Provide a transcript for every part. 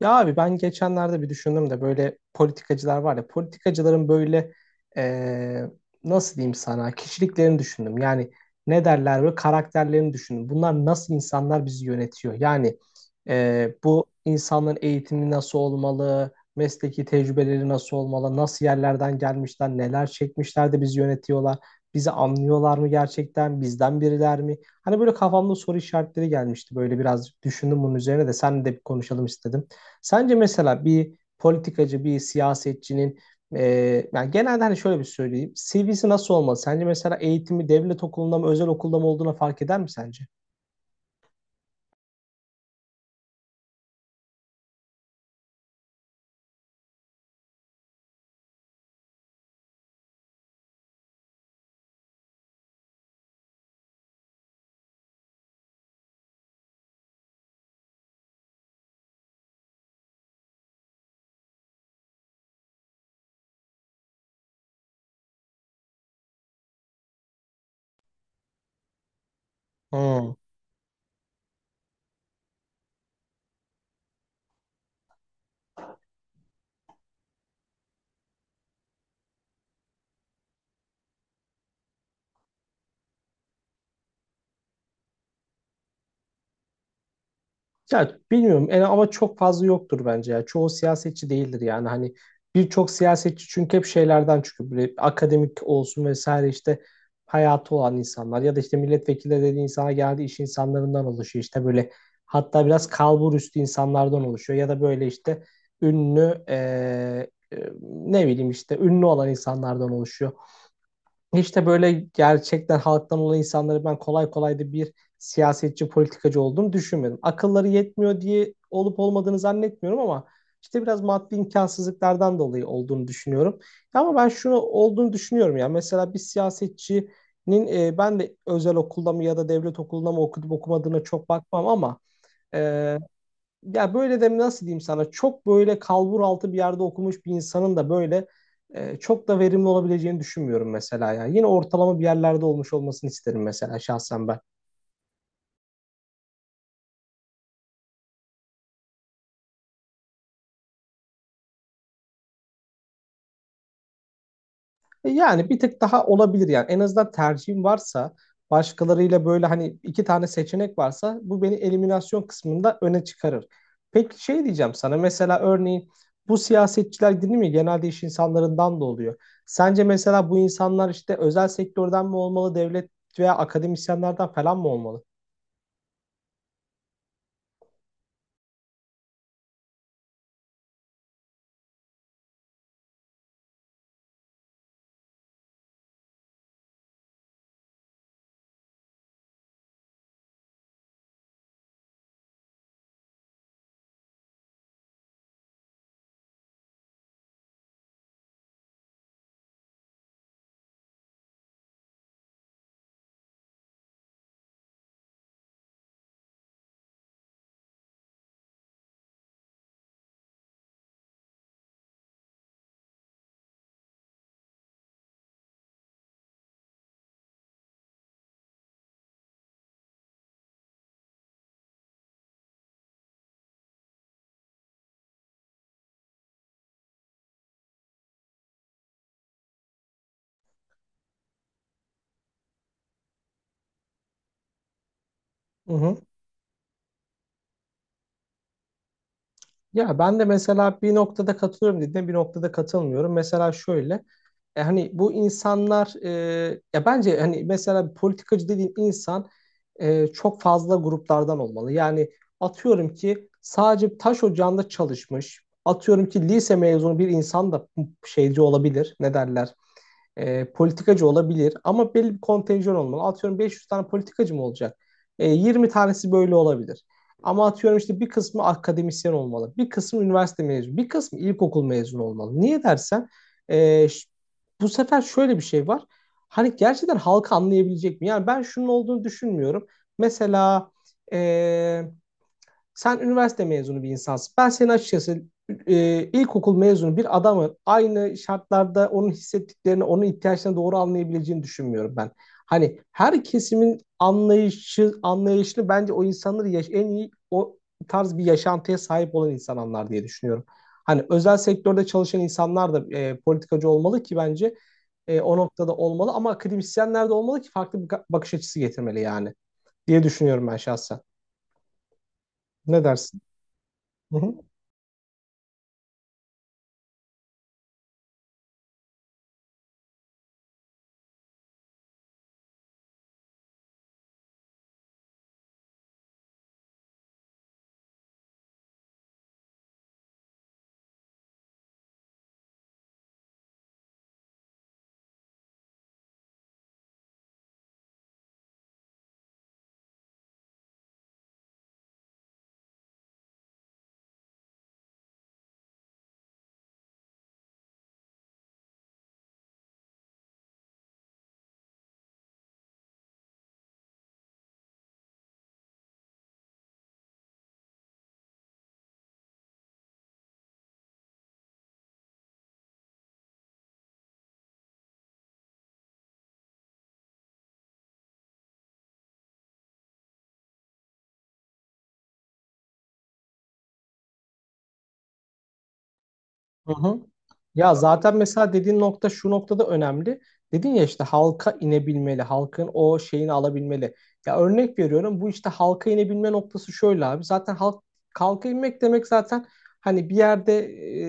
Ya abi ben geçenlerde bir düşündüm de böyle politikacılar var ya politikacıların böyle eee, nasıl diyeyim sana kişiliklerini düşündüm. Yani ne derler böyle karakterlerini düşündüm. Bunlar nasıl insanlar bizi yönetiyor? Yani bu insanların eğitimi nasıl olmalı? Mesleki tecrübeleri nasıl olmalı? Nasıl yerlerden gelmişler? Neler çekmişler de bizi yönetiyorlar? Bizi anlıyorlar mı gerçekten? Bizden biriler mi? Hani böyle kafamda soru işaretleri gelmişti. Böyle biraz düşündüm bunun üzerine de seninle de bir konuşalım istedim. Sence mesela bir politikacı, bir siyasetçinin e, yani genelde hani şöyle bir söyleyeyim. CV'si nasıl olmalı? Sence mesela eğitimi devlet okulunda mı, özel okulda mı olduğuna fark eder mi sence? Hmm. Ya bilmiyorum yani ama çok fazla yoktur bence ya. Çoğu siyasetçi değildir yani hani birçok siyasetçi çünkü hep şeylerden çıkıyor. Böyle akademik olsun vesaire işte hayatı olan insanlar ya da işte milletvekili dediği insana geldi iş insanlarından oluşuyor. İşte böyle hatta biraz kalbur üstü insanlardan oluşuyor ya da böyle işte ünlü ne bileyim işte ünlü olan insanlardan oluşuyor. İşte böyle gerçekten halktan olan insanları ben kolay kolay da bir siyasetçi, politikacı olduğunu düşünmedim. Akılları yetmiyor diye olup olmadığını zannetmiyorum ama işte biraz maddi imkansızlıklardan dolayı olduğunu düşünüyorum. Ama ben şunu olduğunu düşünüyorum ya. Mesela bir siyasetçinin ben de özel okulda mı ya da devlet okulunda mı okudum okumadığına çok bakmam ama e, ya böyle de nasıl diyeyim sana çok böyle kalbur altı bir yerde okumuş bir insanın da böyle çok da verimli olabileceğini düşünmüyorum mesela ya. Yine ortalama bir yerlerde olmuş olmasını isterim mesela şahsen ben. Yani bir tık daha olabilir yani. En azından tercihim varsa başkalarıyla böyle hani iki tane seçenek varsa bu beni eliminasyon kısmında öne çıkarır. Peki şey diyeceğim sana mesela örneğin bu siyasetçiler değil mi genelde iş insanlarından da oluyor. Sence mesela bu insanlar işte özel sektörden mi olmalı devlet veya akademisyenlerden falan mı olmalı? Ya ben de mesela bir noktada katılıyorum dediğine bir noktada katılmıyorum. Mesela şöyle hani bu insanlar ya bence hani mesela bir politikacı dediğin insan çok fazla gruplardan olmalı. Yani atıyorum ki sadece taş ocağında çalışmış. Atıyorum ki lise mezunu bir insan da şeyci olabilir. Ne derler? Politikacı olabilir ama belli bir kontenjan olmalı. Atıyorum 500 tane politikacı mı olacak? E, 20 tanesi böyle olabilir. Ama atıyorum işte bir kısmı akademisyen olmalı, bir kısmı üniversite mezunu, bir kısmı ilkokul mezunu olmalı. Niye dersen e, ş- bu sefer şöyle bir şey var. Hani gerçekten halkı anlayabilecek mi? Yani ben şunun olduğunu düşünmüyorum. Mesela e, sen üniversite mezunu bir insansın. Ben senin açıkçası ilkokul mezunu bir adamın aynı şartlarda onun hissettiklerini, onun ihtiyaçlarını doğru anlayabileceğini düşünmüyorum ben. Hani her kesimin anlayışı, anlayışını bence o insanları yaş en iyi o tarz bir yaşantıya sahip olan insanlar diye düşünüyorum. Hani özel sektörde çalışan insanlar da politikacı olmalı ki bence o noktada olmalı ama akademisyenler de olmalı ki farklı bakış açısı getirmeli yani diye düşünüyorum ben şahsen. Ne dersin? Hı hı. Hı hı. Ya zaten mesela dediğin nokta şu noktada önemli. Dedin ya işte halka inebilmeli, halkın o şeyini alabilmeli. Ya örnek veriyorum bu işte halka inebilme noktası şöyle abi. Zaten halk Halka inmek demek zaten hani bir yerde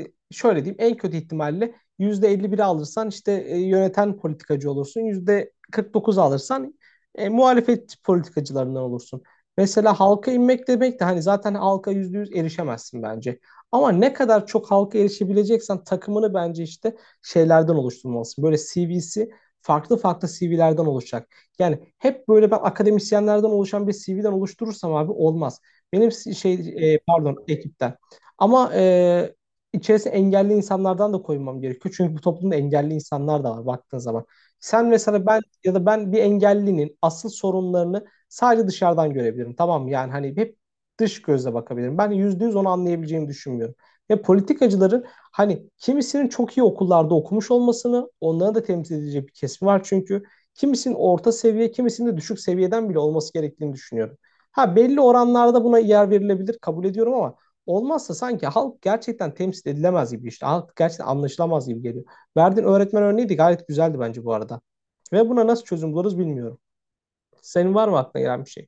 şöyle diyeyim en kötü ihtimalle %51 alırsan işte yöneten politikacı olursun. %49 alırsan muhalefet politikacılarından olursun. Mesela halka inmek demek de hani zaten halka %100 erişemezsin bence. Ama ne kadar çok halka erişebileceksen takımını bence işte şeylerden oluşturmalısın. Böyle CV'si farklı farklı CV'lerden oluşacak. Yani hep böyle ben akademisyenlerden oluşan bir CV'den oluşturursam abi olmaz. Benim si-, şey e, Pardon ekipten. Ama içerisine engelli insanlardan da koymam gerekiyor. Çünkü bu toplumda engelli insanlar da var baktığın zaman. Sen mesela ben ya da Ben bir engellinin asıl sorunlarını sadece dışarıdan görebilirim. Tamam mı? Yani hani hep dış gözle bakabilirim. Ben yüzde yüz onu anlayabileceğimi düşünmüyorum. Ve politikacıların hani kimisinin çok iyi okullarda okumuş olmasını onları da temsil edecek bir kesimi var çünkü. Kimisinin orta seviye, kimisinin de düşük seviyeden bile olması gerektiğini düşünüyorum. Ha belli oranlarda buna yer verilebilir kabul ediyorum ama olmazsa sanki halk gerçekten temsil edilemez gibi işte. Halk gerçekten anlaşılamaz gibi geliyor. Verdiğin öğretmen örneği de gayet güzeldi bence bu arada. Ve buna nasıl çözüm buluruz bilmiyorum. Senin var mı aklına gelen bir şey?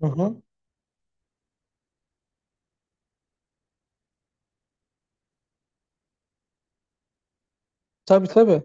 Hı hı. Tabii tabii.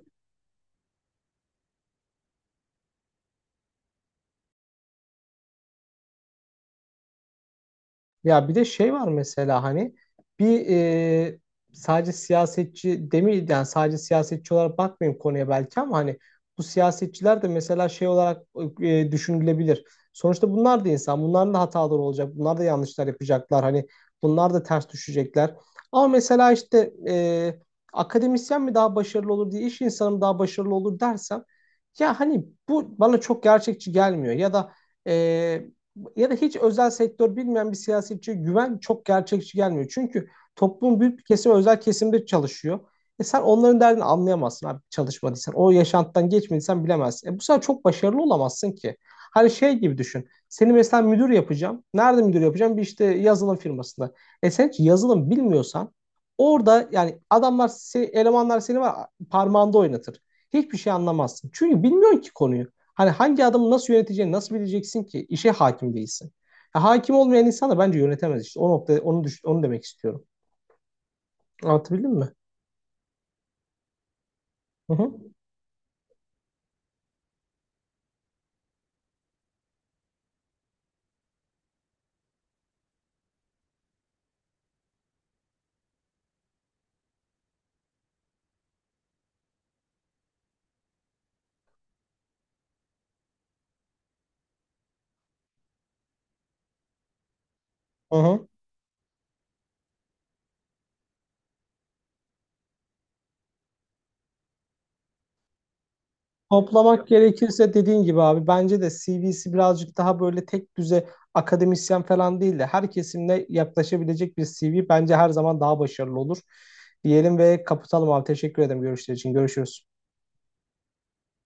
Ya bir de şey var mesela hani bir e, sadece siyasetçi demeyeyim yani sadece siyasetçi olarak bakmayayım konuya belki ama hani bu siyasetçiler de mesela şey olarak düşünülebilir. Sonuçta bunlar da insan. Bunların da hataları olacak. Bunlar da yanlışlar yapacaklar. Hani bunlar da ters düşecekler. Ama mesela işte akademisyen mi daha başarılı olur diye iş insanı mı daha başarılı olur dersem ya hani bu bana çok gerçekçi gelmiyor. Ya da hiç özel sektör bilmeyen bir siyasetçiye güven çok gerçekçi gelmiyor. Çünkü toplumun büyük bir kesimi özel kesimde çalışıyor. E sen onların derdini anlayamazsın abi çalışmadıysan. O yaşantıdan geçmediysen bilemezsin. E bu sefer çok başarılı olamazsın ki. Hani şey gibi düşün. Seni mesela müdür yapacağım. Nerede müdür yapacağım? Bir işte yazılım firmasında. E sen hiç yazılım bilmiyorsan orada yani elemanlar seni var parmağında oynatır. Hiçbir şey anlamazsın. Çünkü bilmiyorsun ki konuyu. Hani hangi adımı nasıl yöneteceğini nasıl bileceksin ki? İşe hakim değilsin. Ya hakim olmayan insan da bence yönetemez işte. O nokta onu düş- Onu demek istiyorum. Anlatabildim mi? Hı hı. Hı hı. Toplamak gerekirse dediğin gibi abi bence de CV'si birazcık daha böyle tek düze akademisyen falan değil de her kesimle yaklaşabilecek bir CV bence her zaman daha başarılı olur. Diyelim ve kapatalım abi. Teşekkür ederim görüşler için. Görüşürüz.